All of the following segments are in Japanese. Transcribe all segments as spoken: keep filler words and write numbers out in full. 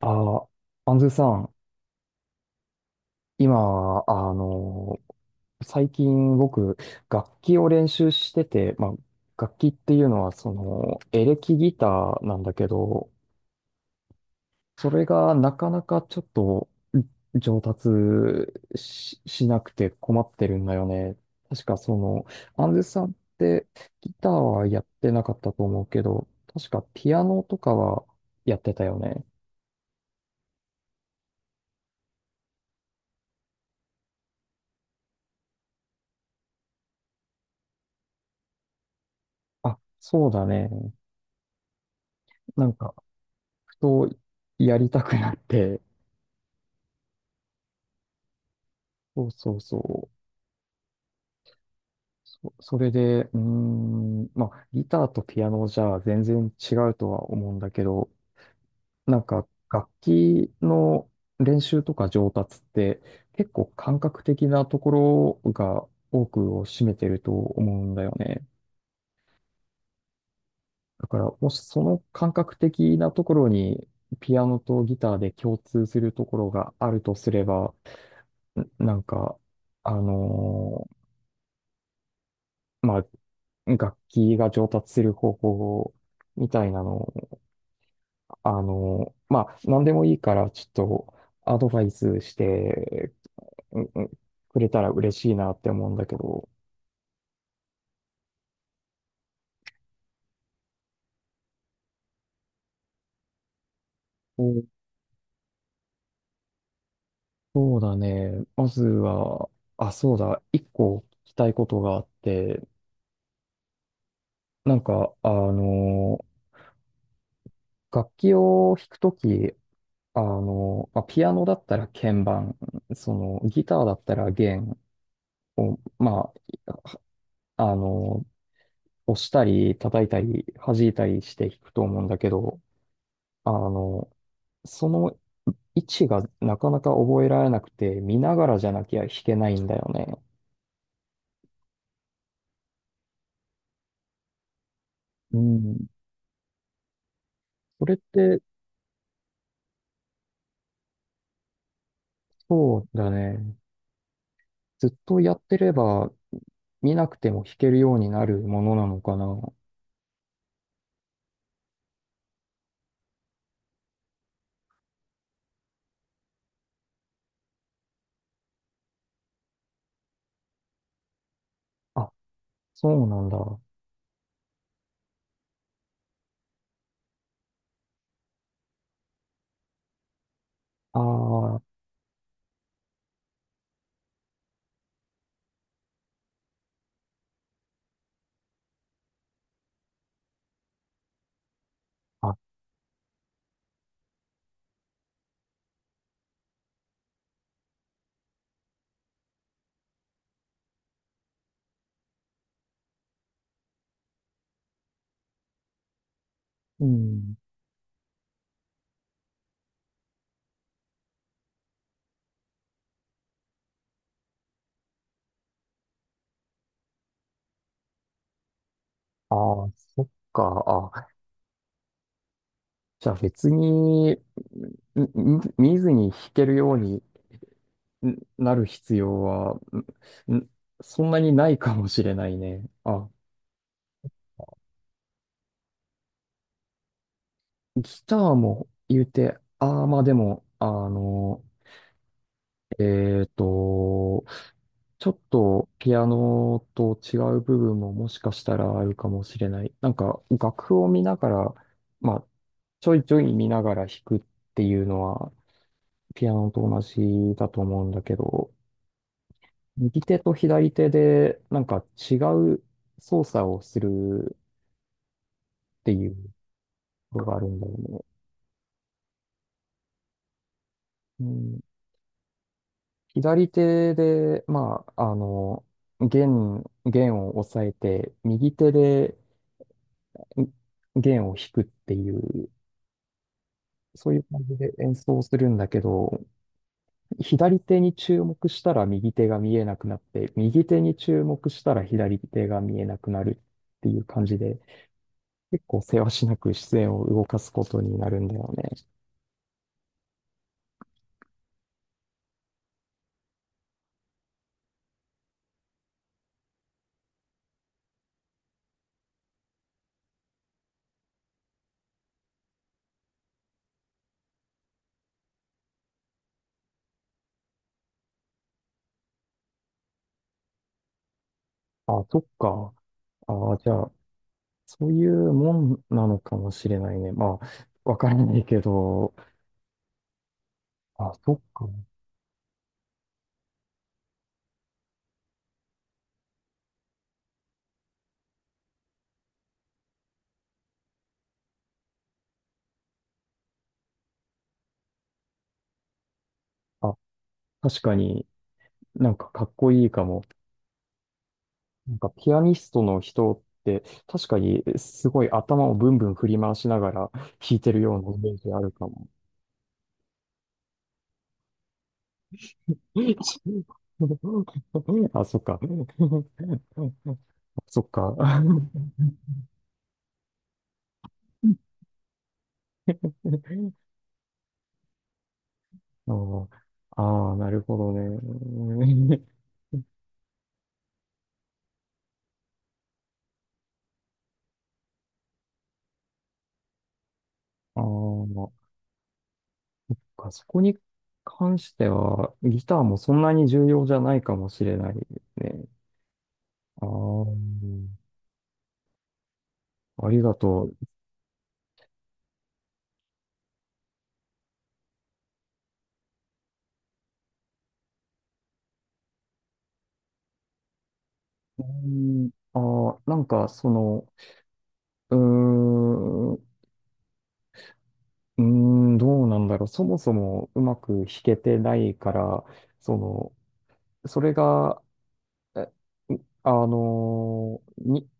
あ、アンズさん、今、あの、最近僕、楽器を練習してて、まあ、楽器っていうのは、その、エレキギターなんだけど、それがなかなかちょっと上達し、しなくて困ってるんだよね。確かその、アンズさんってギターはやってなかったと思うけど、確かピアノとかはやってたよね。あ、そうだね。なんか、とやりたくなって、そうそうそう。そ、それで、うーん、まあ、ギターとピアノじゃ全然違うとは思うんだけど、なんか楽器の練習とか上達って結構感覚的なところが多くを占めてると思うんだよね。だから、もしその感覚的なところにピアノとギターで共通するところがあるとすれば、んなんか、あのーまあ、楽器が上達する方法みたいなのを、あの、まあ、何でもいいから、ちょっとアドバイスして、うんうん、くれたら嬉しいなって思うんだけど。お、そうだね。まずは、あ、そうだ、一個聞きたいことがあって、なんか、あの、楽器を弾くとき、あの、まあ、ピアノだったら鍵盤、その、ギターだったら弦を、まあ、あの、押したり、叩いたり、弾いたりして弾くと思うんだけど、あの、その位置がなかなか覚えられなくて、見ながらじゃなきゃ弾けないんだよね。うん。それって、そうだね。ずっとやってれば、見なくても弾けるようになるものなのかな。あ、そうなんだ。ああ、あうん。ああ、そっか。あ、じゃあ別に、みみ見ずに弾けるようにんなる必要は、んんそんなにないかもしれないね。あ、ギターも言うて、ああ、まあでも、あの、えっと、ちょっとピアノと違う部分ももしかしたらあるかもしれない。なんか楽譜を見ながら、まあ、ちょいちょい見ながら弾くっていうのは、ピアノと同じだと思うんだけど、右手と左手でなんか違う操作をするっていうことがあるんだよね。うん、左手で、まあ、あの、弦、弦を押さえて、右手で弦を弾くっていう、そういう感じで演奏するんだけど、左手に注目したら右手が見えなくなって、右手に注目したら左手が見えなくなるっていう感じで、結構せわしなく視線を動かすことになるんだよね。あ、そっか。あ、じゃあ、そういうもんなのかもしれないね。まあ、わからないけど、あ、そっか。あ、確かになんかかっこいいかも。なんかピアニストの人って確かにすごい頭をブンブン振り回しながら弾いてるようなイメージあるかも。あ、そっか。そっか。あーあー、なるほどね。ああ、かそこに関しては、ギターもそんなに重要じゃないかもしれないですね。ああ、ありがとう。うん、あー、なんか、その、うーん、うーん、どうなんだろう。そもそもうまく弾けてないから、その、それが、えあのーに、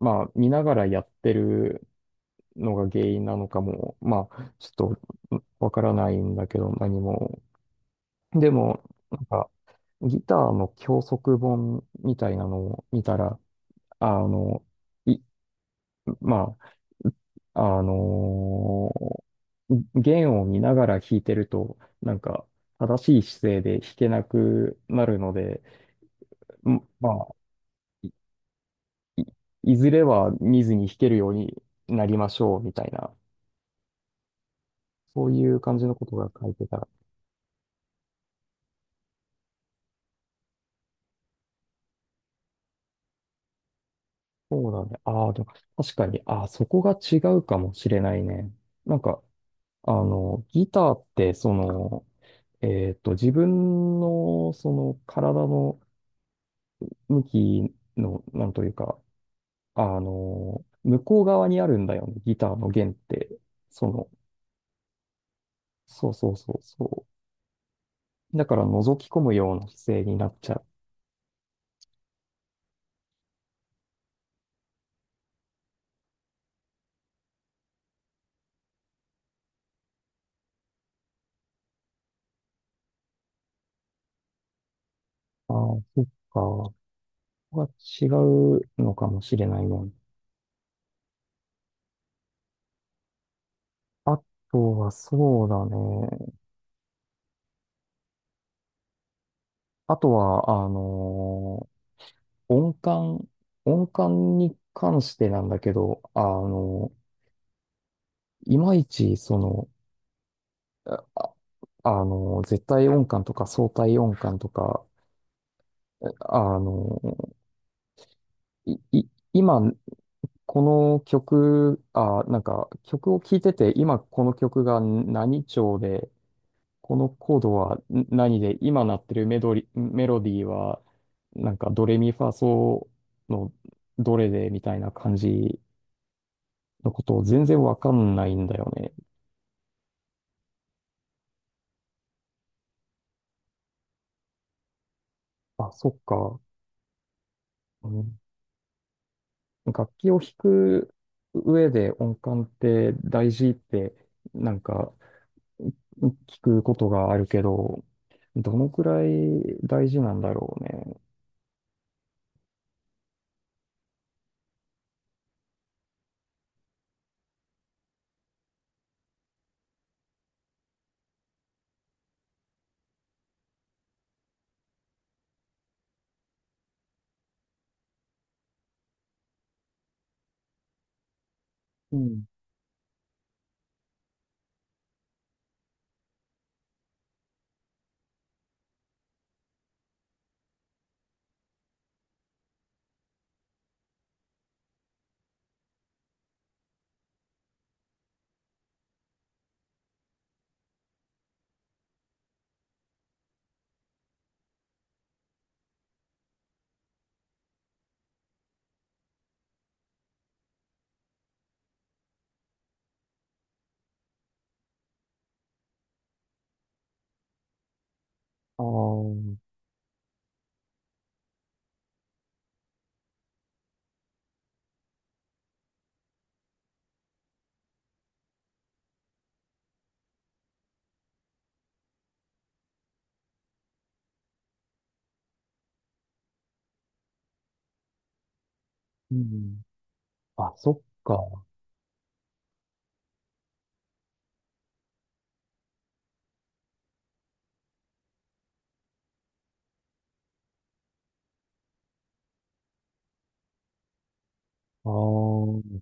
まあ、見ながらやってるのが原因なのかも、まあ、ちょっとわからないんだけど、何も。でも、なんか、ギターの教則本みたいなのを見たら、あの、い、まあ、あの弦を見ながら弾いてると、なんか、正しい姿勢で弾けなくなるので、んまあ、いいずれは見ずに弾けるようになりましょう、みたいな、そういう感じのことが書いてたら、そうだね。ああ、でも確かに、ああ、そこが違うかもしれないね。なんか、あの、ギターって、その、えっと、自分の、その、体の向きの、なんというか、あの、向こう側にあるんだよね、ギターの弦って。その、そうそうそうそう。だから、覗き込むような姿勢になっちゃう。ああ、そっか。ここが違うのかもしれないね。あとは、そうだね。あとは、あの、音感、音感に関してなんだけど、あのいまいち、その、あ、あの、絶対音感とか相対音感とか、あの、い、い今、この曲、あ、なんか、曲を聴いてて、今この曲が何調で、このコードは何で、今鳴ってるメドリ、メロディーは、なんか、ドレミファソのどれで、みたいな感じのことを全然わかんないんだよね。あ、そっか。うん、楽器を弾く上で音感って大事ってなんか聞くことがあるけど、どのくらい大事なんだろうね。うん。ああ、うん。あ、そっか。ああ、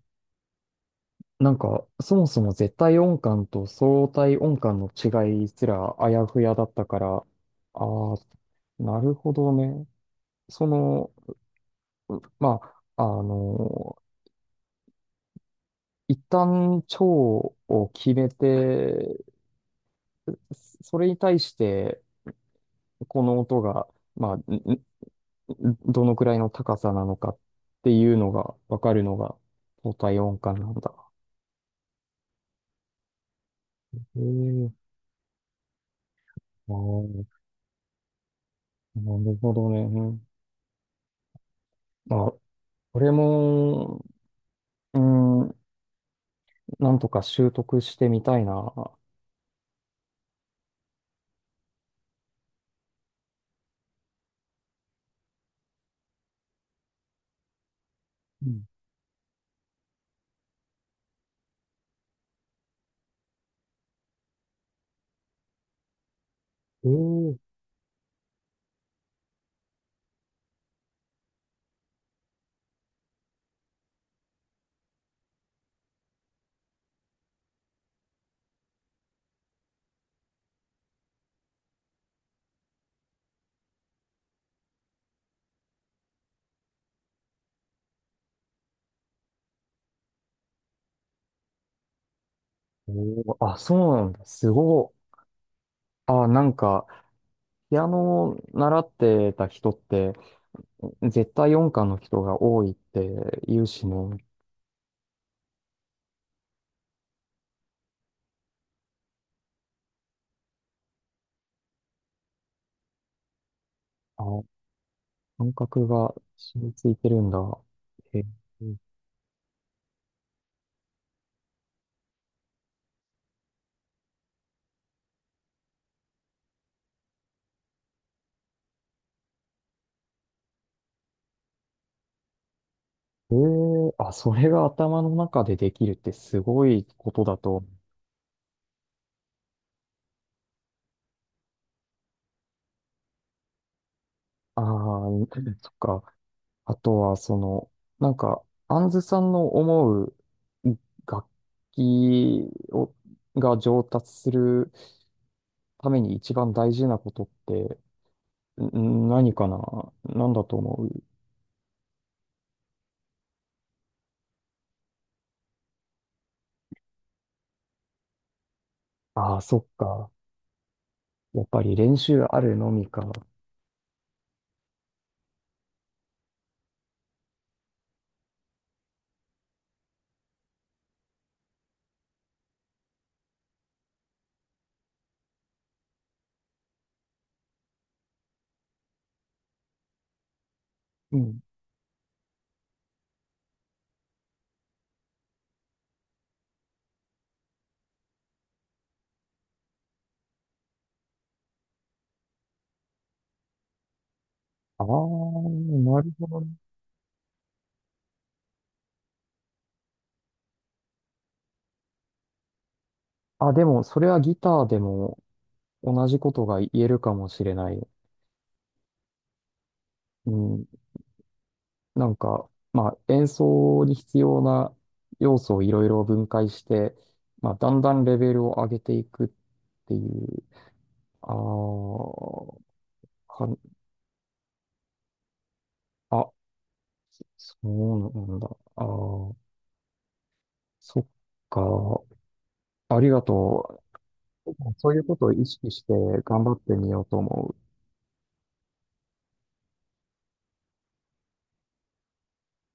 なんかそもそも絶対音感と相対音感の違いすらあやふやだったから、ああ、なるほどね。その、うまあ、あの、一旦腸を決めて、それに対して、この音が、まあ、んんどのくらいの高さなのかっていうのがわかるのが、相対音感なんだ。ええ、ああ、なるほどね。うん、まあ、これも、うん、なんとか習得してみたいな。うん、ええ、おー、あ、そうなんだ。すごい。あ、なんか、ピアノを習ってた人って、絶対音感の人が多いって言うしね。あ、感覚が染みついてるんだ。へえ、へえ、あ、それが頭の中でできるってすごいことだと。ああ、そっか。あとは、その、なんか、アンズさんの思う楽器を、が上達するために一番大事なことって、ん何かな、何だと思う？ああ、そっか。やっぱり練習あるのみか。うん。ああ、なるほどね。あ、でも、それはギターでも同じことが言えるかもしれない。うん。なんか、まあ、演奏に必要な要素をいろいろ分解して、まあ、だんだんレベルを上げていくっていう、ああ、かん、あ、そうなんだ。ああ、そっか。ありがとう。そういうことを意識して頑張ってみようと思う。